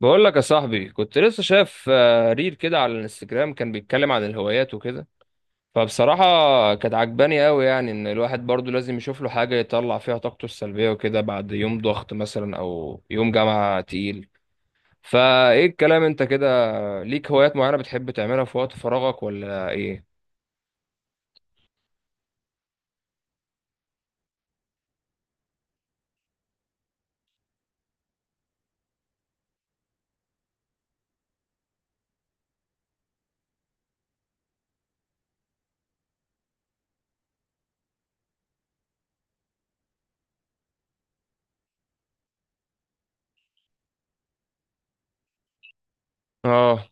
بقول لك يا صاحبي، كنت لسه شايف ريل كده على الانستجرام، كان بيتكلم عن الهوايات وكده. فبصراحة كانت عجباني قوي، يعني ان الواحد برضو لازم يشوف له حاجة يطلع فيها طاقته السلبية وكده بعد يوم ضغط مثلا او يوم جامعة تقيل. فايه الكلام انت كده، ليك هوايات معينة بتحب تعملها في وقت فراغك ولا ايه؟ اه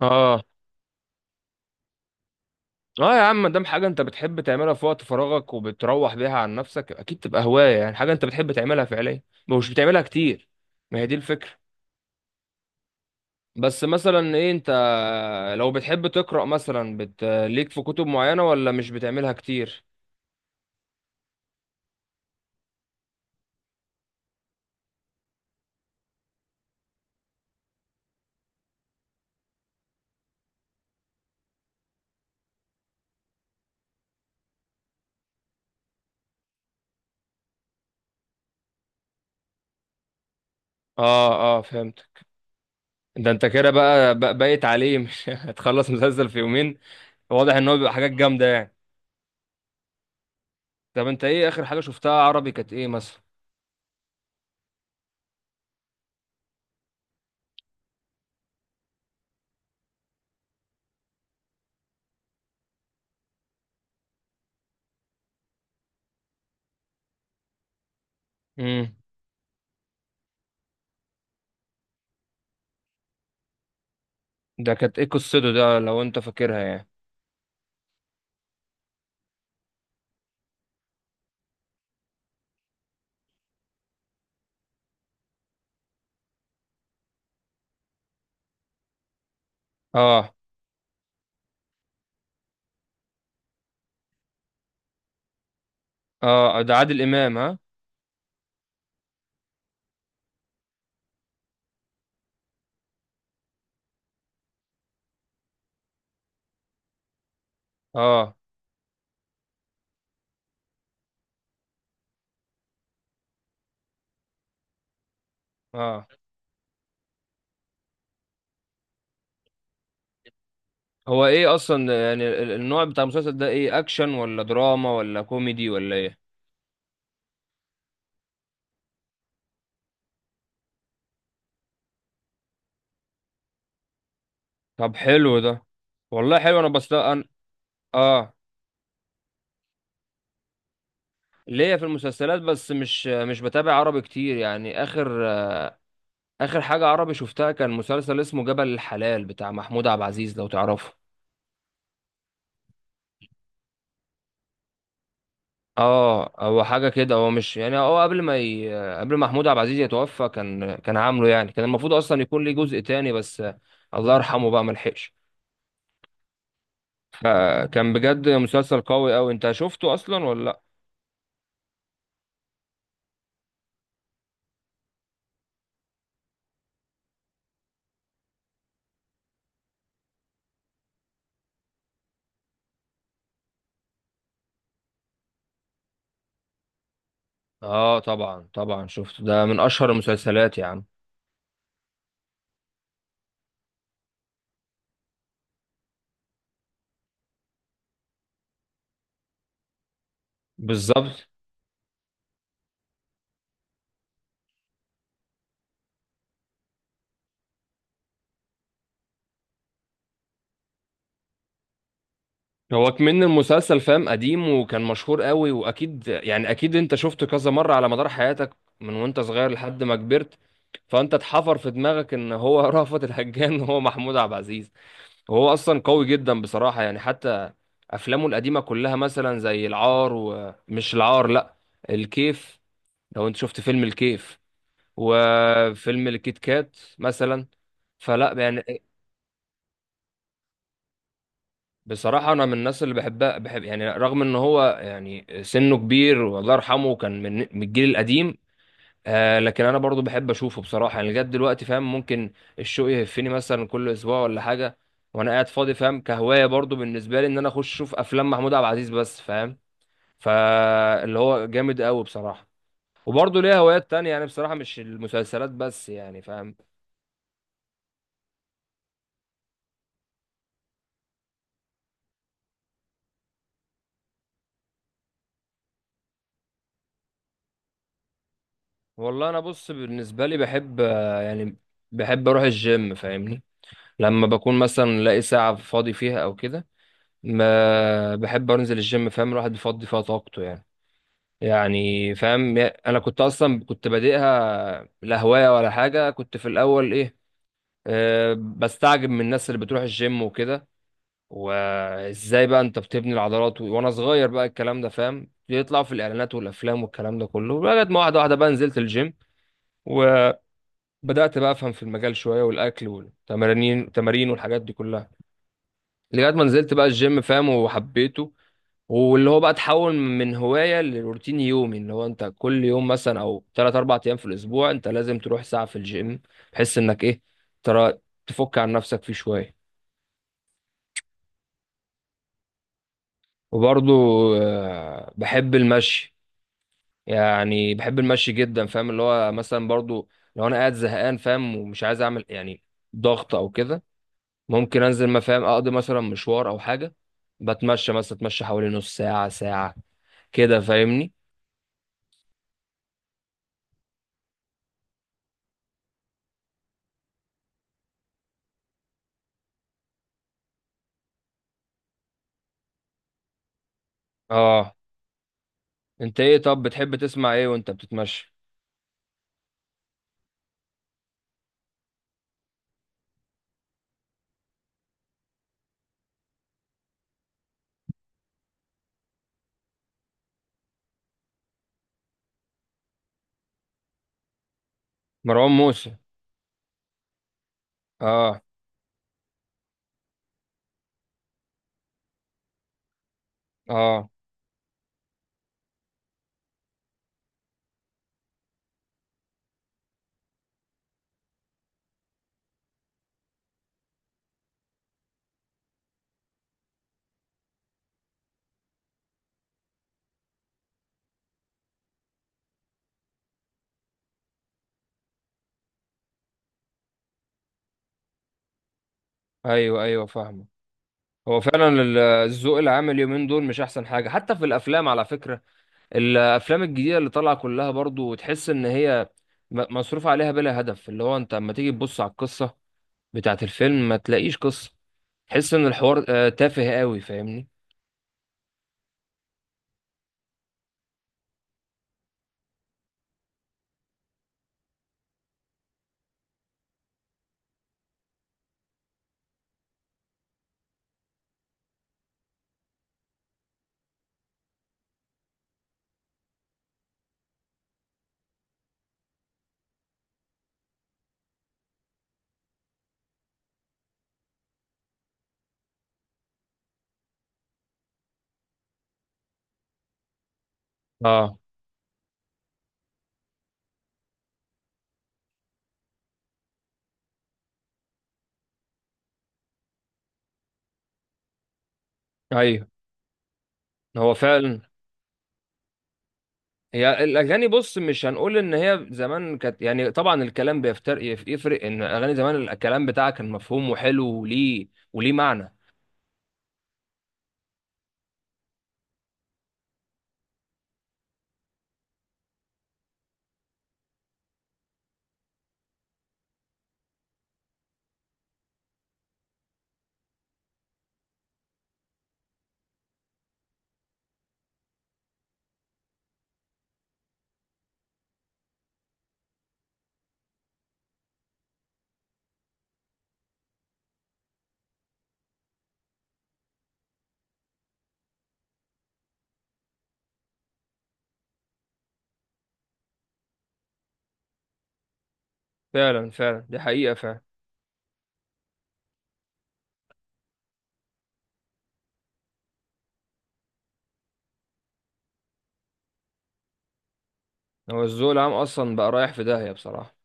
اه، اه يا عم، دام حاجة انت بتحب تعملها في وقت فراغك وبتروح بيها عن نفسك، اكيد تبقى هواية. يعني حاجة انت بتحب تعملها فعليا ومش بتعملها كتير، ما هي دي الفكرة. بس مثلا ايه انت، لو بتحب تقرأ مثلا ليك في كتب معينة ولا مش بتعملها كتير؟ اه اه، فهمت. ده انت كده بقى بايت عليه مش هتخلص مسلسل في يومين. واضح ان هو بيبقى حاجات جامدة يعني. طب انت ايه اخر حاجة شفتها عربي؟ كانت ايه مثلا؟ امم ده كانت ايه قصته ده لو انت فاكرها يعني؟ اه اه، ده عادل امام ها. اه اه. هو ايه اصلا يعني النوع بتاع المسلسل ده ايه؟ اكشن ولا دراما ولا كوميدي ولا ايه؟ طب حلو ده، والله حلو. انا بس انا، اه، ليا في المسلسلات، بس مش بتابع عربي كتير يعني. اخر اخر حاجة عربي شفتها كان مسلسل اسمه جبل الحلال بتاع محمود عبد العزيز، لو تعرفه. اه هو حاجة كده، هو مش يعني هو قبل ما قبل ما محمود عبد العزيز يتوفى كان عامله، يعني كان المفروض اصلا يكون ليه جزء تاني، بس الله يرحمه بقى ملحقش. فكان بجد مسلسل قوي قوي. انت شفته اصلا ولا لا؟ اه طبعا طبعا، شفته، ده من اشهر المسلسلات يا عم. بالظبط. هو كمان المسلسل فاهم قديم وكان مشهور قوي، واكيد يعني اكيد انت شفته كذا مرة على مدار حياتك من وانت صغير لحد ما كبرت. فانت اتحفر في دماغك ان هو رأفت الهجان هو محمود عبد العزيز. وهو اصلا قوي جدا بصراحة، يعني حتى افلامه القديمة كلها مثلا زي العار، ومش العار لا، الكيف. لو انت شفت فيلم الكيف وفيلم الكيت كات مثلا، فلا يعني. بصراحة أنا من الناس اللي بحبها، بحب يعني رغم إن هو يعني سنه كبير والله يرحمه، كان من الجيل القديم. آه لكن أنا برضو بحب أشوفه بصراحة، يعني لغاية دلوقتي فاهم. ممكن الشوق يهفني مثلا كل أسبوع ولا حاجة وأنا قاعد فاضي، فاهم، كهواية برضو بالنسبة لي، إن أنا أخش أشوف أفلام محمود عبد العزيز بس، فاهم؟ فاللي هو جامد أوي بصراحة. وبرضه ليا هوايات تانية يعني بصراحة، مش المسلسلات بس يعني فاهم. والله أنا بص بالنسبة لي بحب، يعني بحب أروح الجيم فاهمني. لما بكون مثلا لاقي ساعة فاضي فيها أو كده، ما بحب أنزل الجيم، فاهم، الواحد بيفضي فيها طاقته يعني. يعني فاهم أنا كنت أصلا، كنت بادئها لا هواية ولا حاجة. كنت في الأول إيه، أه، بستعجب من الناس اللي بتروح الجيم وكده، وإزاي بقى أنت بتبني العضلات، وأنا صغير بقى الكلام ده فاهم، يطلع في الإعلانات والأفلام والكلام ده كله، لغاية ما واحدة واحدة بقى نزلت الجيم. وبدأت بقى أفهم في المجال شوية، والأكل والتمارين، والحاجات دي كلها. لغايه ما نزلت بقى الجيم فاهم وحبيته، واللي هو بقى تحول من هوايه لروتين يومي، اللي هو انت كل يوم مثلا او ثلاث اربع ايام في الاسبوع انت لازم تروح ساعه في الجيم، بحيث انك ايه، ترى تفك عن نفسك فيه شويه. وبرضو بحب المشي، يعني بحب المشي جدا فاهم. اللي هو مثلا برضو لو انا قاعد زهقان فاهم ومش عايز اعمل يعني ضغط او كده، ممكن انزل ما فاهم اقضي مثلا مشوار او حاجه، بتمشى مثلا، اتمشى حوالي نص ساعه ساعه كده فاهمني. اه. انت ايه طب بتحب تسمع ايه وانت بتتمشى؟ مروان موسى. اه اه. ايوه ايوه فاهمه. هو فعلا الذوق العام اليومين دول مش احسن حاجه، حتى في الافلام على فكره. الافلام الجديده اللي طالعه كلها برضو تحس ان هي مصروف عليها بلا هدف. اللي هو انت اما تيجي تبص على القصه بتاعت الفيلم ما تلاقيش قصه، تحس ان الحوار تافه قوي فاهمني. اه ايوه، هو فعلا. هي الاغاني بص، مش هنقول ان هي زمان كانت يعني، طبعا الكلام بيفترق، يفرق ان اغاني زمان الكلام بتاعها كان مفهوم وحلو وليه، وليه معنى. فعلا فعلا، دي حقيقة فعلا. هو الذوق العام اصلا بقى رايح في داهية بصراحة،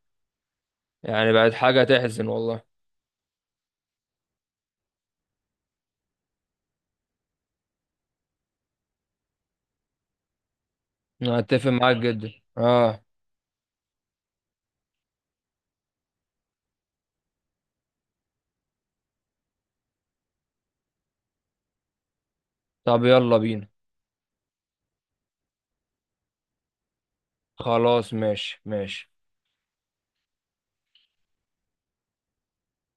يعني بقت حاجة تحزن والله. انا اتفق معاك جدا. اه. طب يلا بينا. خلاص ماشي ماشي.